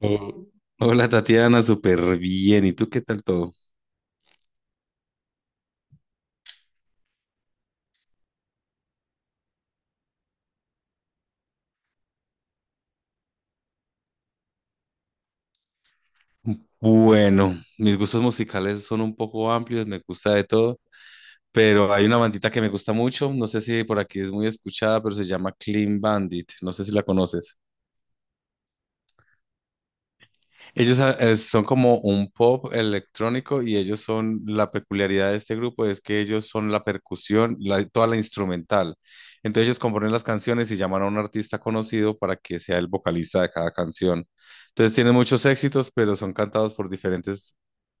Oh, hola Tatiana, súper bien. ¿Y tú qué tal todo? Bueno, mis gustos musicales son un poco amplios, me gusta de todo, pero hay una bandita que me gusta mucho, no sé si por aquí es muy escuchada, pero se llama Clean Bandit, no sé si la conoces. Ellos son como un pop electrónico y la peculiaridad de este grupo es que ellos son la percusión, toda la instrumental. Entonces ellos componen las canciones y llaman a un artista conocido para que sea el vocalista de cada canción. Entonces tienen muchos éxitos, pero son cantados por diferentes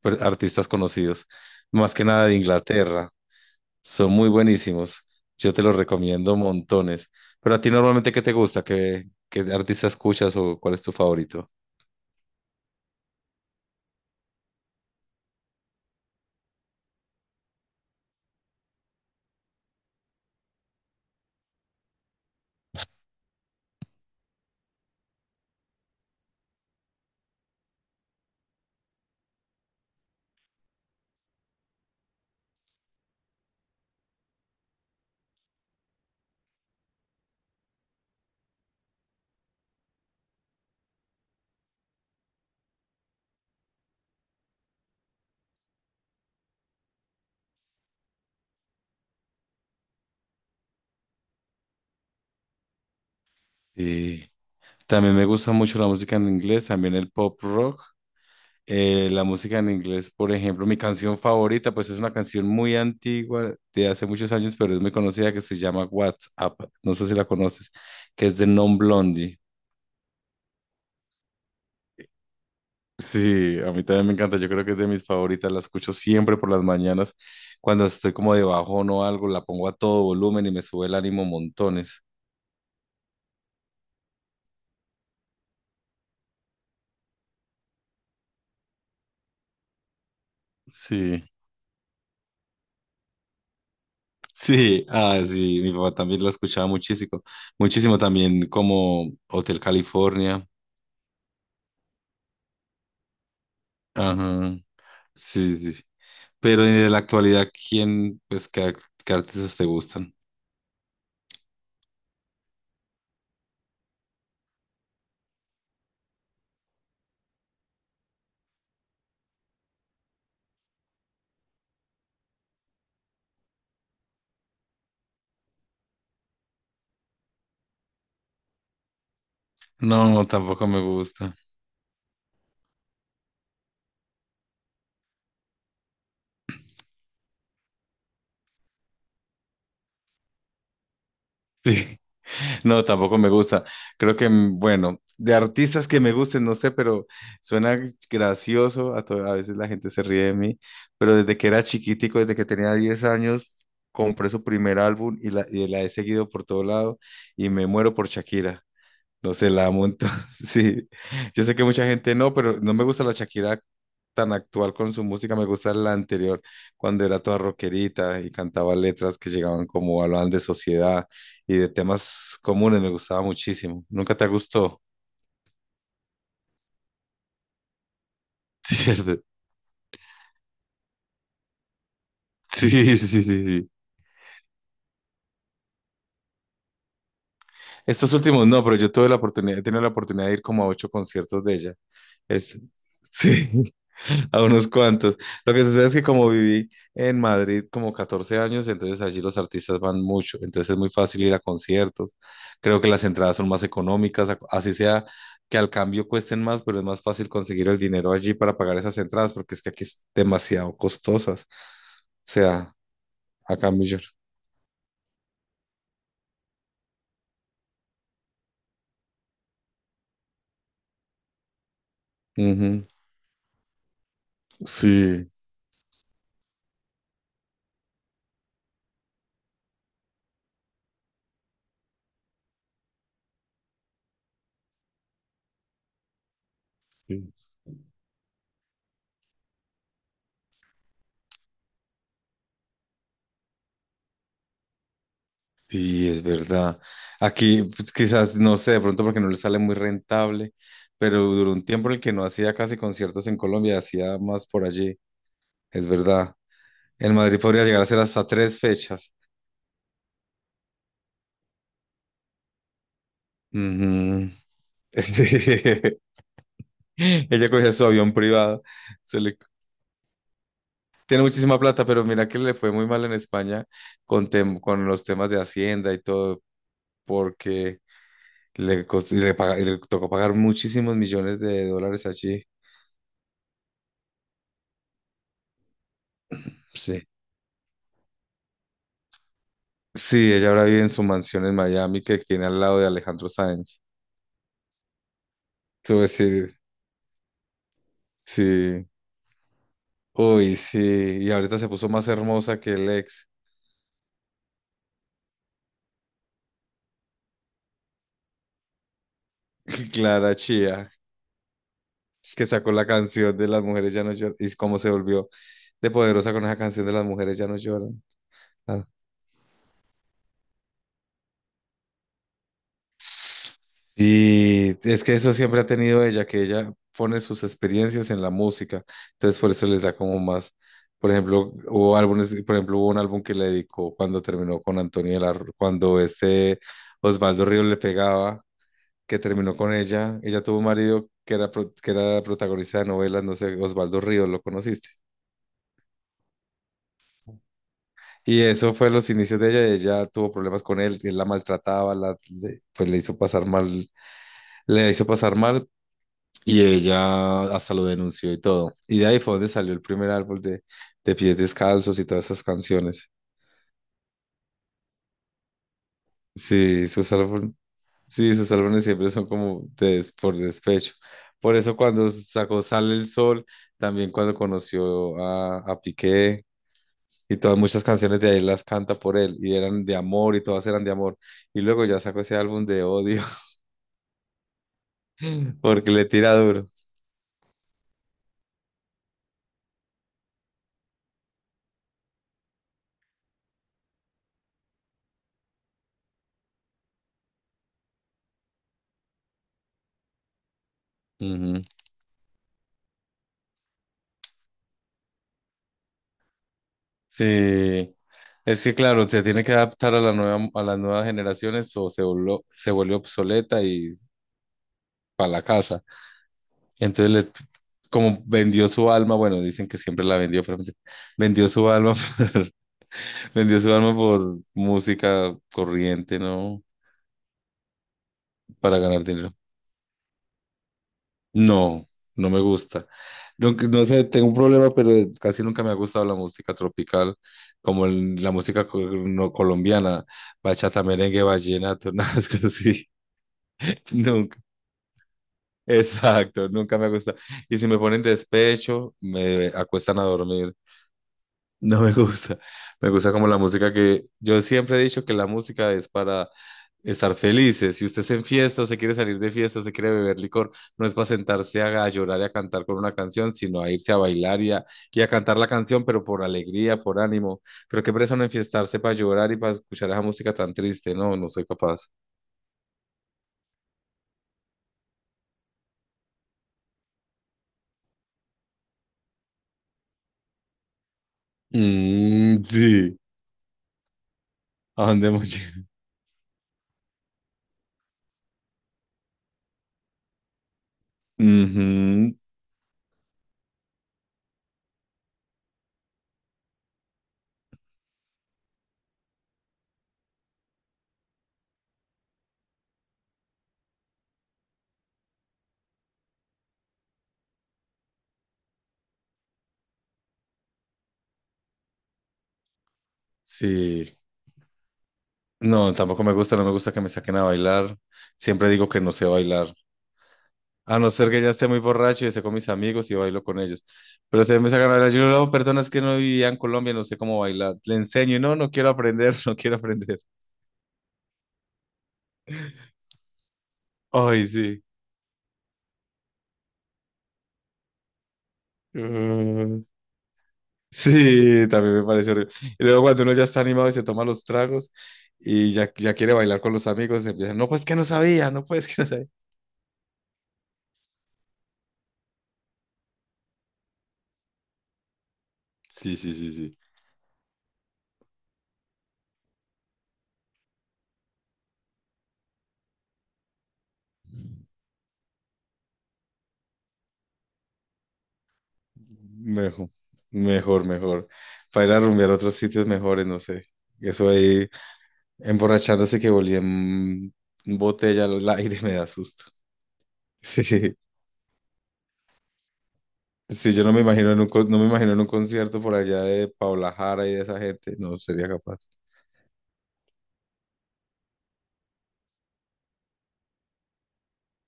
artistas conocidos, más que nada de Inglaterra. Son muy buenísimos. Yo te los recomiendo montones. Pero a ti normalmente, ¿qué te gusta? ¿Qué artista escuchas o cuál es tu favorito? Sí. También me gusta mucho la música en inglés, también el pop rock. La música en inglés, por ejemplo, mi canción favorita, pues es una canción muy antigua, de hace muchos años, pero es muy conocida, que se llama WhatsApp, no sé si la conoces, que es de Non-Blondie. Sí, a mí también me encanta, yo creo que es de mis favoritas, la escucho siempre por las mañanas, cuando estoy como de bajón o algo, la pongo a todo volumen y me sube el ánimo montones. Sí. Sí, sí, mi papá también lo escuchaba muchísimo, muchísimo también como Hotel California, ajá, sí, sí, sí. Pero en la actualidad, pues, qué artistas te gustan? No, tampoco me gusta, sí, no, tampoco me gusta. Creo que, bueno, de artistas que me gusten, no sé, pero suena gracioso. A veces la gente se ríe de mí, pero desde que era chiquitico, desde que tenía 10 años, compré su primer álbum y y la he seguido por todo lado y me muero por Shakira. No sé, la amo entonces, sí, yo sé que mucha gente no, pero no me gusta la Shakira tan actual con su música, me gusta la anterior, cuando era toda rockerita y cantaba letras que llegaban como hablaban de sociedad y de temas comunes, me gustaba muchísimo. ¿Nunca te gustó? ¿Cierto? Sí, sí, sí, sí. Estos últimos no, pero yo tuve la oportunidad, he tenido la oportunidad de ir como a ocho conciertos de ella. Es, sí, a unos cuantos. Lo que sucede es que como viví en Madrid como 14 años, entonces allí los artistas van mucho, entonces es muy fácil ir a conciertos. Creo que las entradas son más económicas, así sea que al cambio cuesten más, pero es más fácil conseguir el dinero allí para pagar esas entradas, porque es que aquí es demasiado costosas. O sea, acá en New York. Ujú, sí. Sí, Sí, es verdad. Aquí pues, quizás, no sé, de pronto porque no le sale muy rentable, pero duró un tiempo en el que no hacía casi conciertos en Colombia, hacía más por allí, es verdad. En Madrid podría llegar a ser hasta tres fechas. Ujú. Sí. Ella cogía su avión privado. se le- Tiene muchísima plata, pero mira que le fue muy mal en España con, con los temas de Hacienda y todo, porque le tocó pagar muchísimos millones de dólares allí. Sí. Sí, ella ahora vive en su mansión en Miami que tiene al lado de Alejandro Sáenz. Tú decir, sí. Uy, sí. Y ahorita se puso más hermosa que el ex, Clara Chía, que sacó la canción de Las mujeres ya no lloran. Y cómo se volvió de poderosa con esa canción de Las mujeres ya no lloran. Ah, y es que eso siempre ha tenido ella, que ella pone sus experiencias en la música, entonces por eso les da como más. Por ejemplo, hubo álbumes, por ejemplo, hubo un álbum que le dedicó cuando terminó con Antonio de la cuando este Osvaldo Ríos le pegaba, que terminó con ella. Ella tuvo un marido que era, que era protagonista de novelas, no sé, Osvaldo Ríos, ¿lo conociste? Y eso fue los inicios de ella. Ella tuvo problemas con él, él la maltrataba, pues le hizo pasar mal, le hizo pasar mal, y ella hasta lo denunció y todo. Y de ahí fue donde salió el primer álbum de Pies Descalzos y todas esas canciones. Sí, sus álbumes, sí, sus álbumes siempre son como de por despecho. Por eso cuando sacó Sale el Sol, también cuando conoció a Piqué y todas muchas canciones de ahí las canta por él y eran de amor y todas eran de amor. Y luego ya sacó ese álbum de odio porque le tira duro. Ujú. Sí, es que claro, se tiene que adaptar a la nueva, a las nuevas generaciones o se vuelve obsoleta y para la casa. Entonces, como vendió su alma, bueno, dicen que siempre la vendió, pero vendió su alma por, vendió su alma por música corriente, ¿no? Para ganar dinero. No, no me gusta. No, no sé, tengo un problema, pero casi nunca me ha gustado la música tropical, como la música no colombiana, bachata, merengue, vallenato, nada es que así. Nunca. Exacto, nunca me ha gustado. Y si me ponen despecho, me acuestan a dormir. No me gusta. Me gusta como la música que yo siempre he dicho que la música es para estar felices. Si usted se enfiesta o se quiere salir de fiesta o se quiere beber licor, no es para sentarse a llorar y a cantar con una canción, sino a irse a bailar y a cantar la canción, pero por alegría, por ánimo. Pero qué presa no enfiestarse para llorar y para escuchar esa música tan triste. No, no soy capaz. Mm, sí. ¿A dónde hemos llegado? Ujú, sí. No, tampoco me gusta, no me gusta que me saquen a bailar. Siempre digo que no sé bailar. A no ser que ya esté muy borracho y esté con mis amigos y bailo con ellos. Pero se me sacan a bailar. Yo, no, perdona, que no vivían en Colombia, no sé cómo bailar. Le enseño y no, no quiero aprender, no quiero aprender. Ay, sí. Mm, sí, también me parece horrible. Y luego cuando uno ya está animado y se toma los tragos y ya quiere bailar con los amigos, empiezan, no, pues que no sabía, no, pues que no sabía. Sí, sí, sí, sí. Mejor, mejor, mejor. Para ir a rumbear a otros sitios mejores, no sé. Eso ahí. Emborrachándose que volía en botella al aire me da susto. Sí, sí, yo no me imagino en un, con- no me imagino en un concierto por allá de Paula Jara y de esa gente, no sería capaz.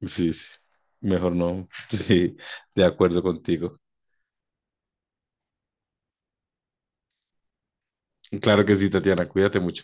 Sí, sí, mejor no. Sí, de acuerdo contigo. Claro que sí, Tatiana, cuídate mucho.